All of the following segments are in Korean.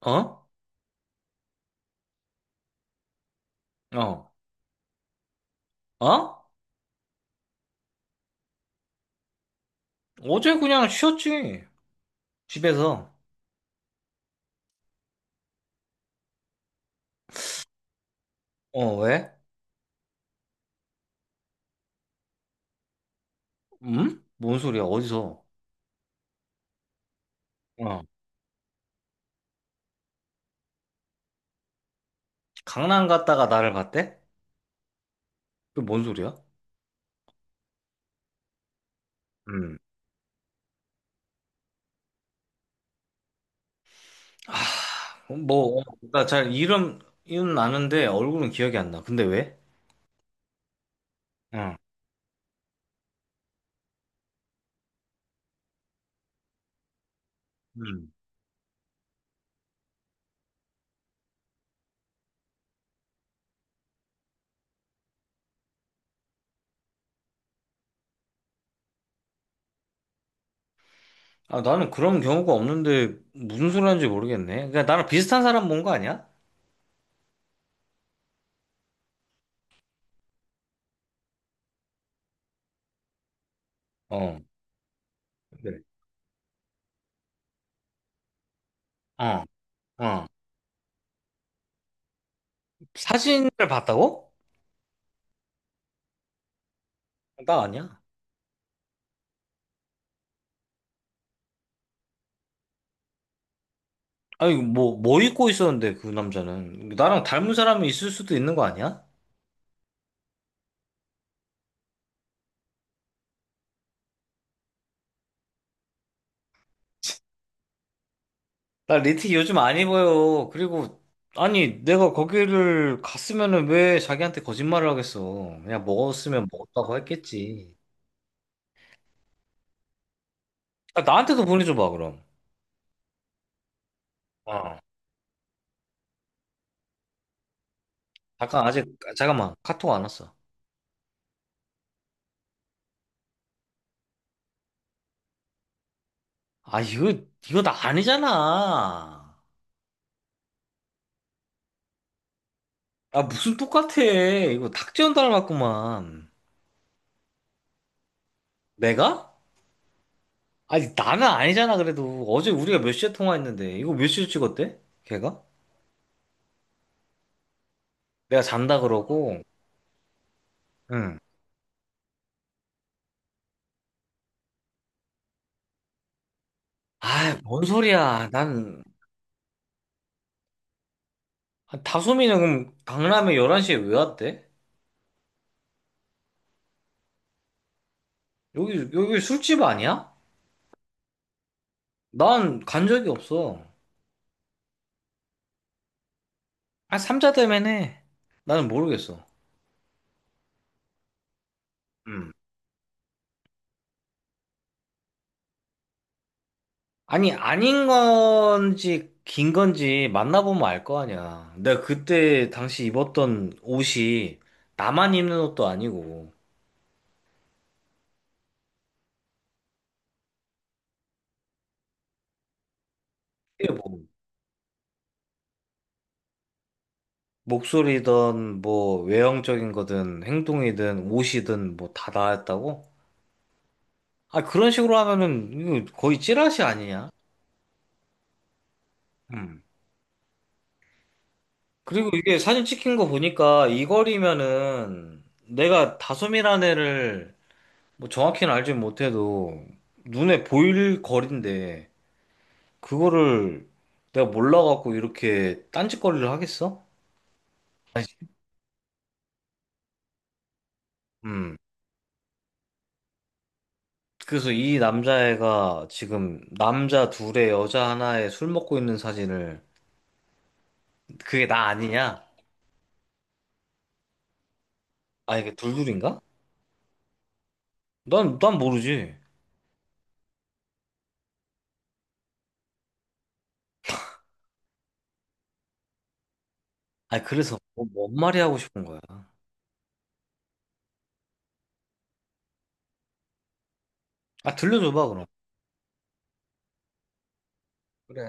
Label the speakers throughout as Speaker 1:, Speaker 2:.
Speaker 1: 어? 어? 어? 어제 그냥 쉬었지. 집에서. 어, 왜? 음? 뭔 소리야? 어디서? 어. 강남 갔다가 나를 봤대? 그 뭔 소리야? 음. 아, 뭐, 나 잘 이름 아는데 얼굴은 기억이 안 나. 근데 왜? 응. 음. 아, 나는 그런 경우가 없는데 무슨 소리 하는지 모르겠네. 그러니까 나랑 비슷한 사람 본 거 아니야? 어. 그래. 어. 어. 사진을 봤다고? 나 아니야. 아니, 뭐, 입고 있었는데, 그 남자는. 나랑 닮은 사람이 있을 수도 있는 거 아니야? 나리티기 요즘 안 입어요. 그리고, 아니, 내가 거기를 갔으면은 왜 자기한테 거짓말을 하겠어. 그냥 먹었으면 먹었다고 했겠지. 아, 나한테도 보내줘봐, 그럼. 어. 잠깐, 아직, 잠깐만. 카톡 안 왔어. 아, 이거 나 아니잖아. 아, 무슨 똑같아. 이거 탁재현 닮았구만. 내가? 아니, 나는 아니잖아, 그래도. 어제 우리가 몇 시에 통화했는데. 이거 몇 시에 찍었대? 걔가? 내가 잔다 그러고. 응. 아, 뭔 소리야. 아, 다솜이는 그럼 강남에 11시에 왜 왔대? 여기 술집 아니야? 난 간 적이 없어. 아, 삼자 때문에. 나는 모르겠어. 응. 아니, 아닌 건지, 긴 건지 만나보면 알 거 아니야. 내가 그때 당시 입었던 옷이 나만 입는 옷도 아니고. 이게 뭐 목소리든 뭐 외형적인 거든 행동이든 옷이든 뭐 다 나았다고? 아 그런 식으로 하면은 이거 거의 찌라시 아니냐? 음. 그리고 이게 사진 찍힌 거 보니까 이 거리면은 내가 다솜이라는 애를 뭐 정확히는 알지 못해도 눈에 보일 거리인데 그거를 내가 몰라갖고 이렇게 딴짓거리를 하겠어? 아니, 음. 그래서 이 남자애가 지금 남자 둘에 여자 하나에 술 먹고 있는 사진을 그게 나 아니냐? 아 이게 둘둘인가? 난 모르지. 아니 그래서 뭔 말이 하고 싶은 거야. 아 들려줘봐 그럼. 그래.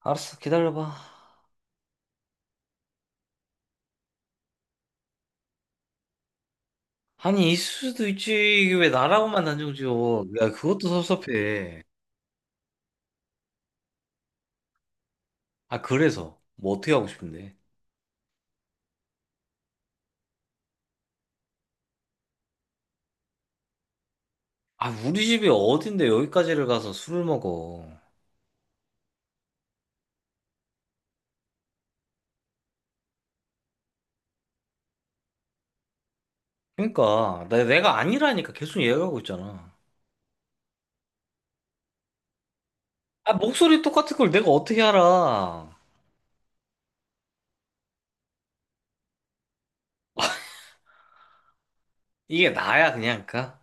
Speaker 1: 알았어 기다려봐. 아니 있을 수도 있지. 이게 왜 나라고만 단정 지어. 야 그것도 섭섭해. 아 그래서 뭐 어떻게 하고 싶은데? 아 우리 집이 어딘데 여기까지를 가서 술을 먹어. 그러니까 내가 아니라니까 계속 얘기하고 있잖아. 아, 목소리 똑같은 걸 내가 어떻게 알아? 이게 나야, 그냥, 그니까?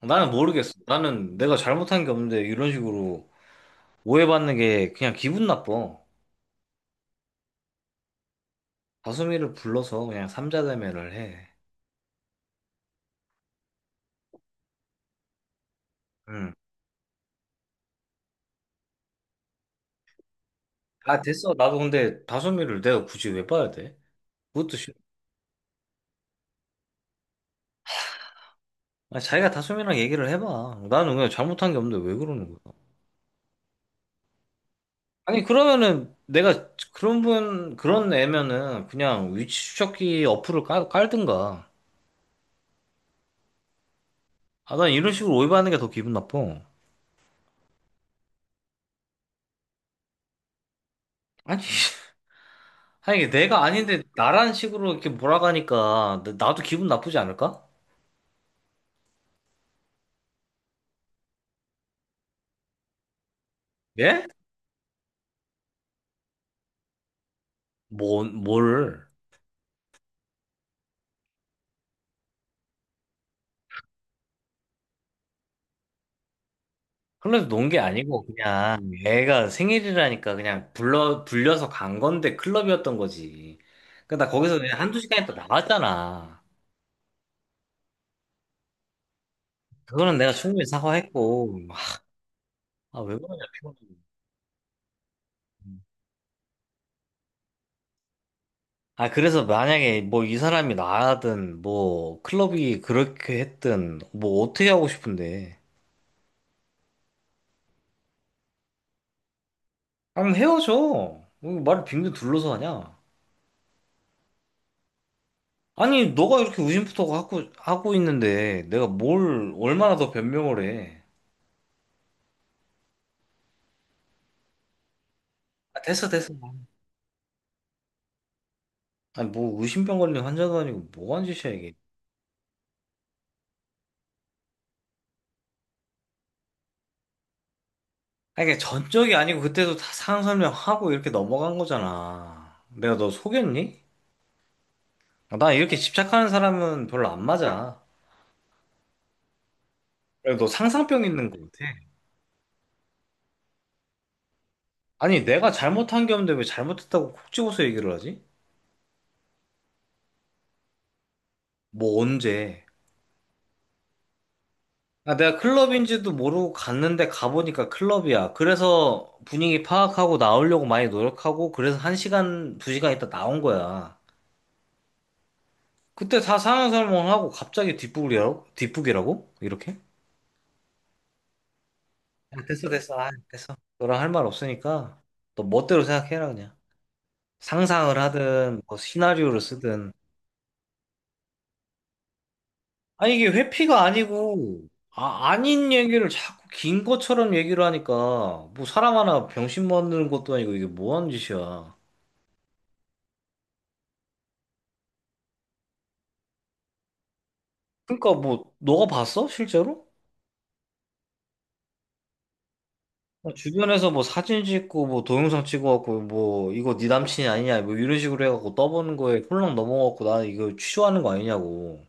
Speaker 1: 나는 모르겠어. 나는 내가 잘못한 게 없는데, 이런 식으로 오해받는 게 그냥 기분 나빠. 다솜이를 불러서 그냥 삼자대면을 해. 응. 아, 됐어. 나도 근데 다솜이를 내가 굳이 왜 봐야 돼? 그것도 싫어. 아, 자기가 다솜이랑 얘기를 해봐. 나는 그냥 잘못한 게 없는데 왜 그러는 거야? 아니, 그러면은 내가 그런 분, 그런 애면은 그냥 위치 추적기 어플을 깔든가. 아, 난 이런 식으로 오해받는 게 더 기분 나빠. 아니, 아니, 이게 내가 아닌데 나라는 식으로 이렇게 몰아가니까 나도 기분 나쁘지 않을까? 예? 뭐, 뭘. 흘에서논 게 아니고 그냥 애가 생일이라니까 그냥 불려서 간 건데 클럽이었던 거지. 그러니까 나 거기서 그냥 한두 시간에 또 나왔잖아. 그거는 내가 충분히 사과했고. 아, 왜 그러냐, 피곤해. 아, 그래서 만약에 뭐 이 사람이 나든 뭐 클럽이 그렇게 했든 뭐 어떻게 하고 싶은데. 아니, 헤어져. 왜 말을 빙빙 둘러서 하냐? 아니, 너가 이렇게 우심부터 하고 있는데, 내가 뭘, 얼마나 더 변명을 해. 아, 됐어, 됐어. 아니, 뭐, 의심병 걸린 환자도 아니고, 뭐 하는 짓이야, 이게. 아니, 그냥 전적이 아니고, 그때도 다 상황 설명하고, 이렇게 넘어간 거잖아. 내가 너 속였니? 아, 나 이렇게 집착하는 사람은 별로 안 맞아. 그래, 너 상상병 있는 거 같아. 아니, 내가 잘못한 게 없는데, 왜 잘못했다고 콕 집어서 얘기를 하지? 뭐, 언제? 아, 내가 클럽인지도 모르고 갔는데 가보니까 클럽이야. 그래서 분위기 파악하고 나오려고 많이 노력하고 그래서 1시간, 2시간 있다 나온 거야. 그때 다 상영설명하고 갑자기 뒷북이라고? 뒷북이라고? 이렇게? 아, 됐어, 됐어. 아, 됐어. 너랑 할 말 없으니까 너 멋대로 생각해라 그냥. 상상을 하든 뭐 시나리오를 쓰든. 아니 이게 회피가 아니고 아, 아닌 얘기를 자꾸 긴 것처럼 얘기를 하니까 뭐 사람 하나 병신 만드는 것도 아니고 이게 뭐 하는 짓이야. 그러니까 뭐 너가 봤어? 실제로? 뭐 주변에서 뭐 사진 찍고 뭐 동영상 찍어갖고 뭐 이거 네 남친이 아니냐 뭐 이런 식으로 해갖고 떠보는 거에 홀랑 넘어갖고 나 이거 취소하는 거 아니냐고.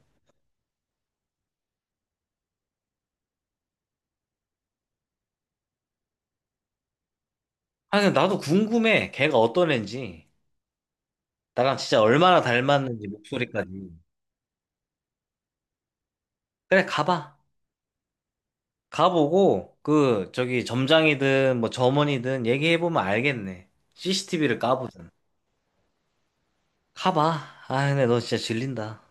Speaker 1: 아니 근데 나도 궁금해. 걔가 어떤 애인지. 나랑 진짜 얼마나 닮았는지 목소리까지. 그래 가봐. 가보고 그 저기 점장이든 뭐 점원이든 얘기해보면 알겠네. CCTV를 까보든. 가봐. 아 근데 너 진짜 질린다.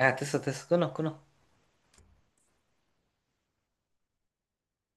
Speaker 1: 야 됐어 됐어 끊어 끊어.